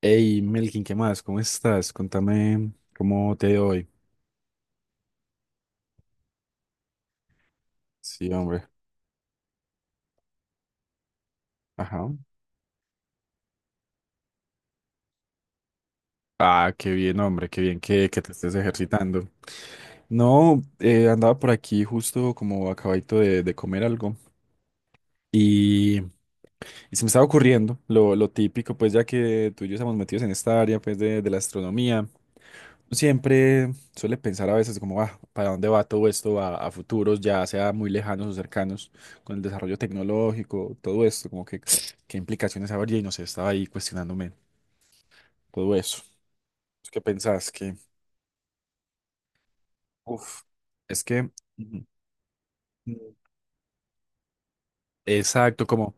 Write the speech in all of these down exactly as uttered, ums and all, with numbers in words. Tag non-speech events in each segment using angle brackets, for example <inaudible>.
Hey, Melkin, ¿qué más? ¿Cómo estás? Contame cómo te ha ido hoy. Sí, hombre. Ajá. Ah, qué bien, hombre, qué bien que, que te estés ejercitando. No, eh, andaba por aquí justo como acabadito de, de comer algo y, y se me estaba ocurriendo lo, lo típico, pues ya que tú y yo estamos metidos en esta área pues de, de la astronomía. Siempre suele pensar a veces como, ah, ¿para dónde va todo esto a, a futuros, ya sea muy lejanos o cercanos, con el desarrollo tecnológico, todo esto, como que <sniffs> qué implicaciones habría? Y no sé, estaba ahí cuestionándome todo eso. ¿Qué pensás? Que, uf, es que, ujú, mm, exacto, como,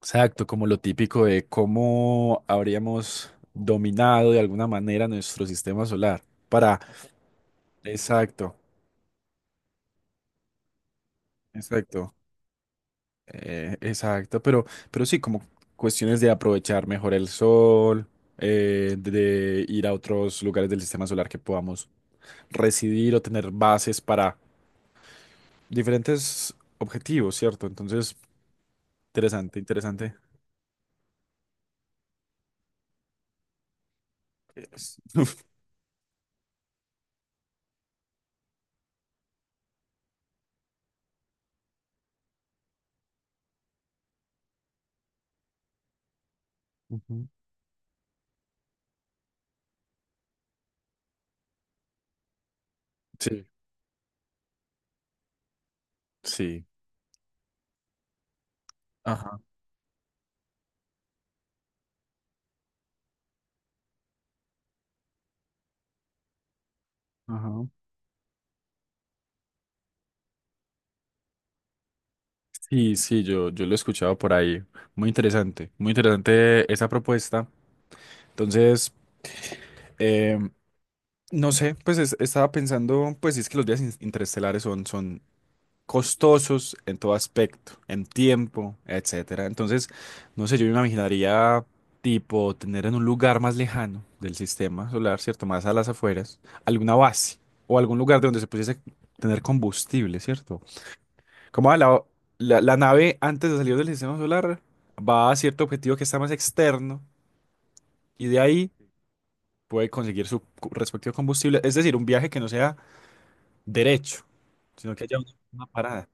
exacto, como lo típico de cómo habríamos dominado de alguna manera nuestro sistema solar para, exacto, exacto. Eh, exacto, pero, pero sí, como cuestiones de aprovechar mejor el sol, eh, de, de ir a otros lugares del sistema solar que podamos residir o tener bases para diferentes objetivos, ¿cierto? Entonces, interesante, interesante. Es- <laughs> Ujú. Sí, sí. Ajá, ajá. Sí, sí, yo, yo lo he escuchado por ahí. Muy interesante, muy interesante esa propuesta. Entonces, em, no sé, pues es- estaba pensando, pues si es que los días in- interestelares son, son costosos en todo aspecto, en tiempo, etcétera. Entonces, no sé, yo me imaginaría tipo tener en un lugar más lejano del sistema solar, ¿cierto? Más a las afueras, alguna base o algún lugar de donde se pudiese tener combustible, ¿cierto? Como ah, la, la, la nave antes de salir del sistema solar va a cierto objetivo que está más externo y de ahí puede conseguir su cu- respectivo combustible, es decir, un viaje que no sea derecho, sino que haya una una parada.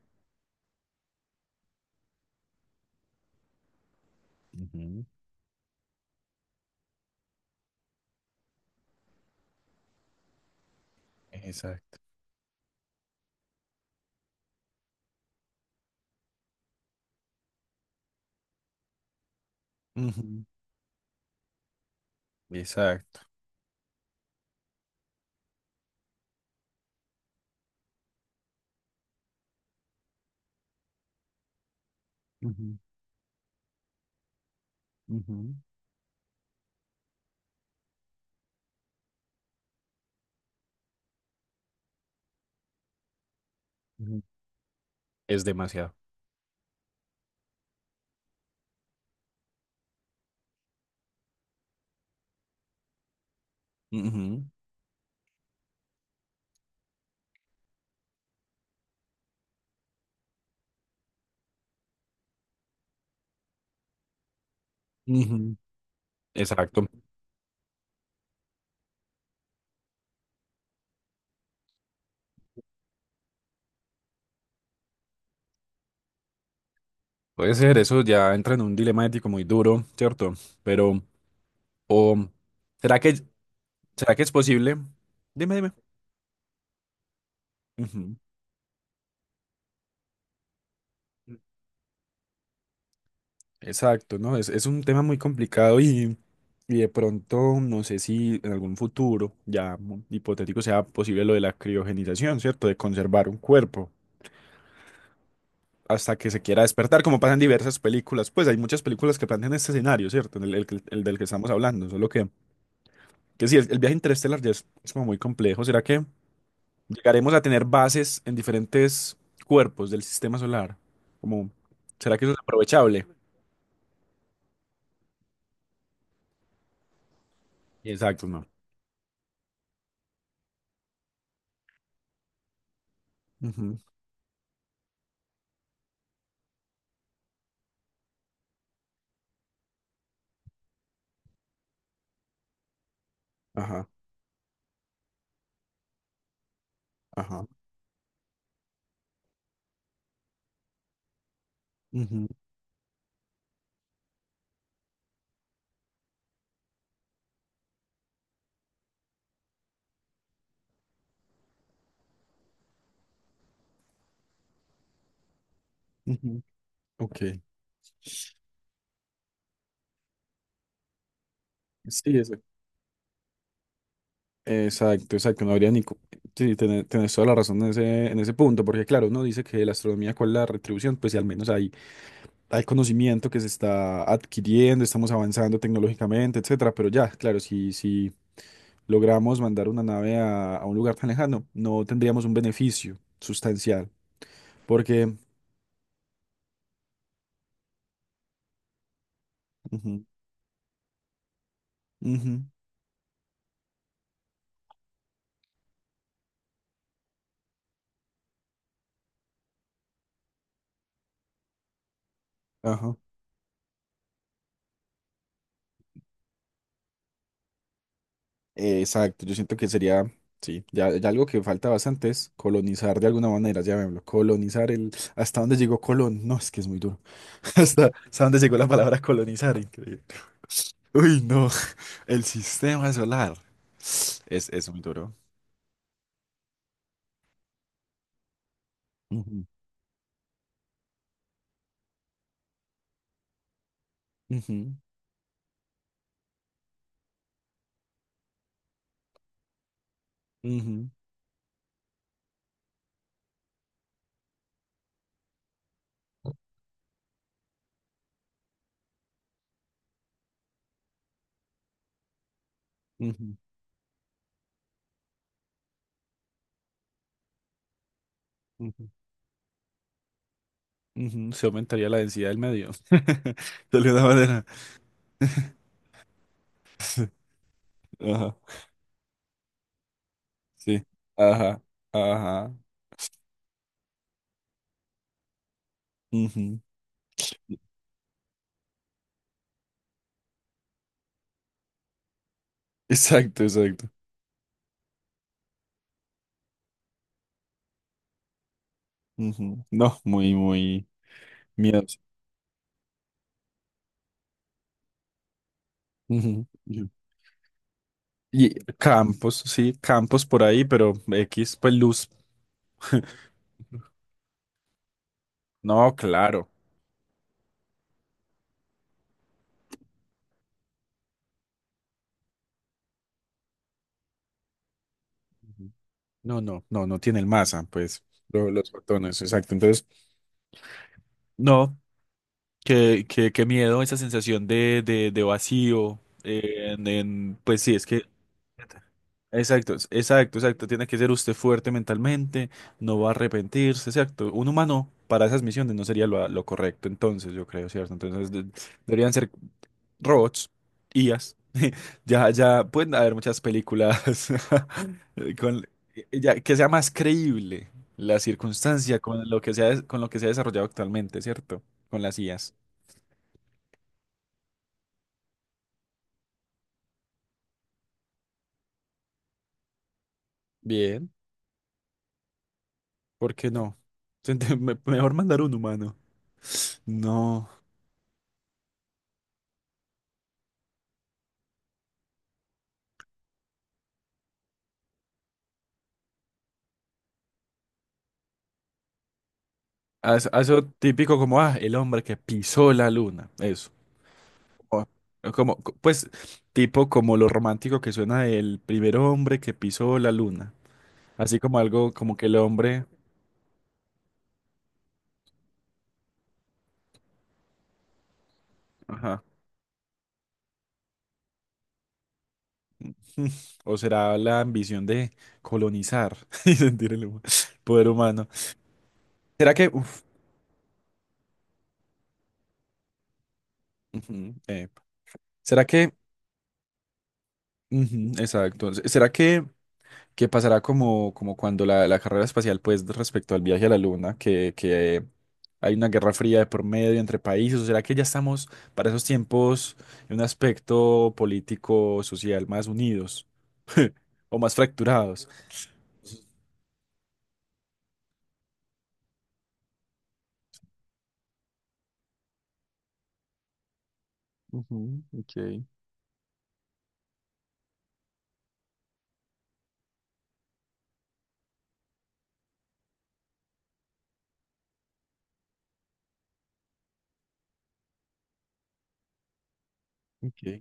Ujú. Exacto. Ujú. Exacto. Ujú, ujú, ujú. Es demasiado. Ujú, ujú. Exacto. Puede ser, eso ya entra en un dilema ético muy duro, ¿cierto? Pero, o, ¿será que, será que es posible? Dime, dime. Ujú. Exacto, ¿no? Es, es un tema muy complicado y, y de pronto no sé si en algún futuro ya mu- hipotético sea posible lo de la criogenización, ¿cierto? De conservar un cuerpo. Hasta que se quiera despertar, como pasa en diversas películas. Pues hay muchas películas que plantean este escenario, ¿cierto? El, el el del que estamos hablando, solo que, que sí, el, el viaje interestelar ya es, es como muy complejo. ¿Será que llegaremos a tener bases en diferentes cuerpos del sistema solar? Como, ¿será que eso es aprovechable? Exacto, no. Ujú. Ajá, ajá. Ujú, ujú. Ok. Sí, exacto. Exacto, exacto, no habría ni co- Sí, tenés, tenés toda la razón en ese, en ese punto, porque claro, uno dice que la astronomía, ¿cuál es la retribución? Pues si al menos hay al conocimiento que se está adquiriendo, estamos avanzando tecnológicamente, etcétera, pero ya, claro, si, si logramos mandar una nave a, a un lugar tan lejano, no tendríamos un beneficio sustancial, porque... Ujú, ujú, ajá. Exacto, yo siento que sería, sí, ya, ya algo que falta bastante es colonizar de alguna manera, llamémoslo, colonizar el, hasta dónde llegó Colón, no, es que es muy duro, <laughs> hasta, hasta dónde llegó la palabra colonizar, increíble. Uy, no, el sistema solar, es, es muy duro. Ujú, ujú, ujú, ujú, ujú, ujú. Se aumentaría la densidad del medio. <laughs> De alguna manera. <laughs> Ajá, sí. Ajá, ajá. Ujú. Exacto, exacto. Ujú. No, muy, muy miedoso. Ujú, ujú. Y campos, sí, campos por ahí, pero X, pues luz. <laughs> No, claro. Ujú. No, no, no, no tiene el masa, pues, lo- los fotones, exacto. Entonces, no. Qué, qué- qué miedo, esa sensación de, de, de vacío. Eh, en- en- pues sí, es que... Exacto, es- exacto, exacto. Tiene que ser usted fuerte mentalmente, no va a arrepentirse, exacto. Un humano para esas misiones no sería lo, lo correcto, entonces yo creo, ¿cierto? Entonces de- deberían ser robots, ias. <laughs> Ya, ya pueden haber muchas películas <laughs> eh, con, eh, ya, que sea más creíble la circunstancia con lo que se ha, des- con lo que se ha desarrollado actualmente, ¿cierto? Con las ias. Bien. ¿Por qué no? <laughs> me- Mejor mandar un humano. No. Haz- haz Eso típico como, ah, el hombre que pisó la Luna. Eso. O- o Como, co- pues, tipo como lo romántico que suena el primer hombre que pisó la Luna. Así como algo como que el hombre. Ajá. <laughs> O será la ambición de colonizar <laughs> y sentir el hu- poder humano. ¿Será que. uf, Ujú. eh, ¿será que. Ujú, exacto. ¿Será que que pasará como, como cuando la, la carrera espacial, pues respecto al viaje a la Luna, que, que hay una guerra fría de por medio entre países, o será que ya estamos para esos tiempos en un aspecto político, social más unidos <laughs> o más fracturados? Ujú, ok, ok.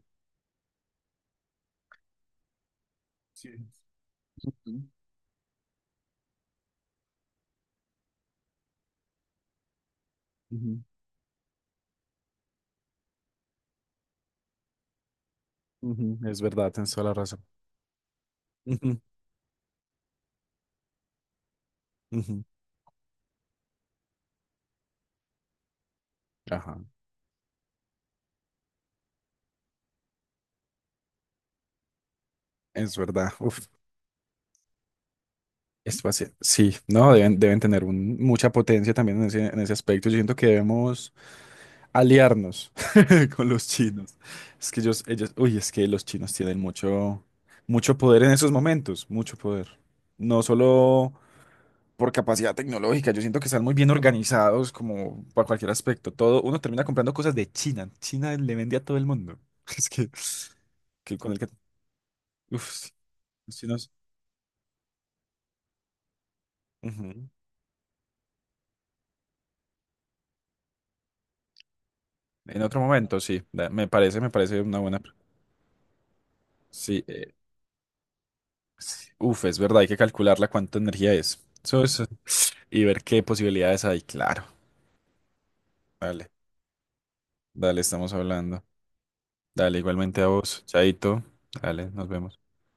Sí. Ujú, ujú, ujú. Es verdad, tienes toda la razón. Ujú, ujú. Ajá, es verdad. Uf, espacial. Sí, no, deben, deben tener un- mucha potencia también en ese, en ese aspecto. Yo siento que debemos aliarnos <laughs> con los chinos. Es que ellos, ellos, uy, es que los chinos tienen mucho, mucho poder en esos momentos, mucho poder. No solo por capacidad tecnológica, yo siento que están muy bien organizados como para cualquier aspecto. Todo, uno termina comprando cosas de China. China le vende a todo el mundo. <laughs> Es que, que con el que, uf, sí, los chinos. Ujú. En otro momento, sí, da- me parece, me parece una buena. pre- Sí, eh, uf, es verdad, hay que calcularla cuánta energía es. Eso. Es Y ver qué posibilidades hay. Claro. Dale, dale, estamos hablando. Dale, igualmente a vos, Chaito. Dale, nos vemos.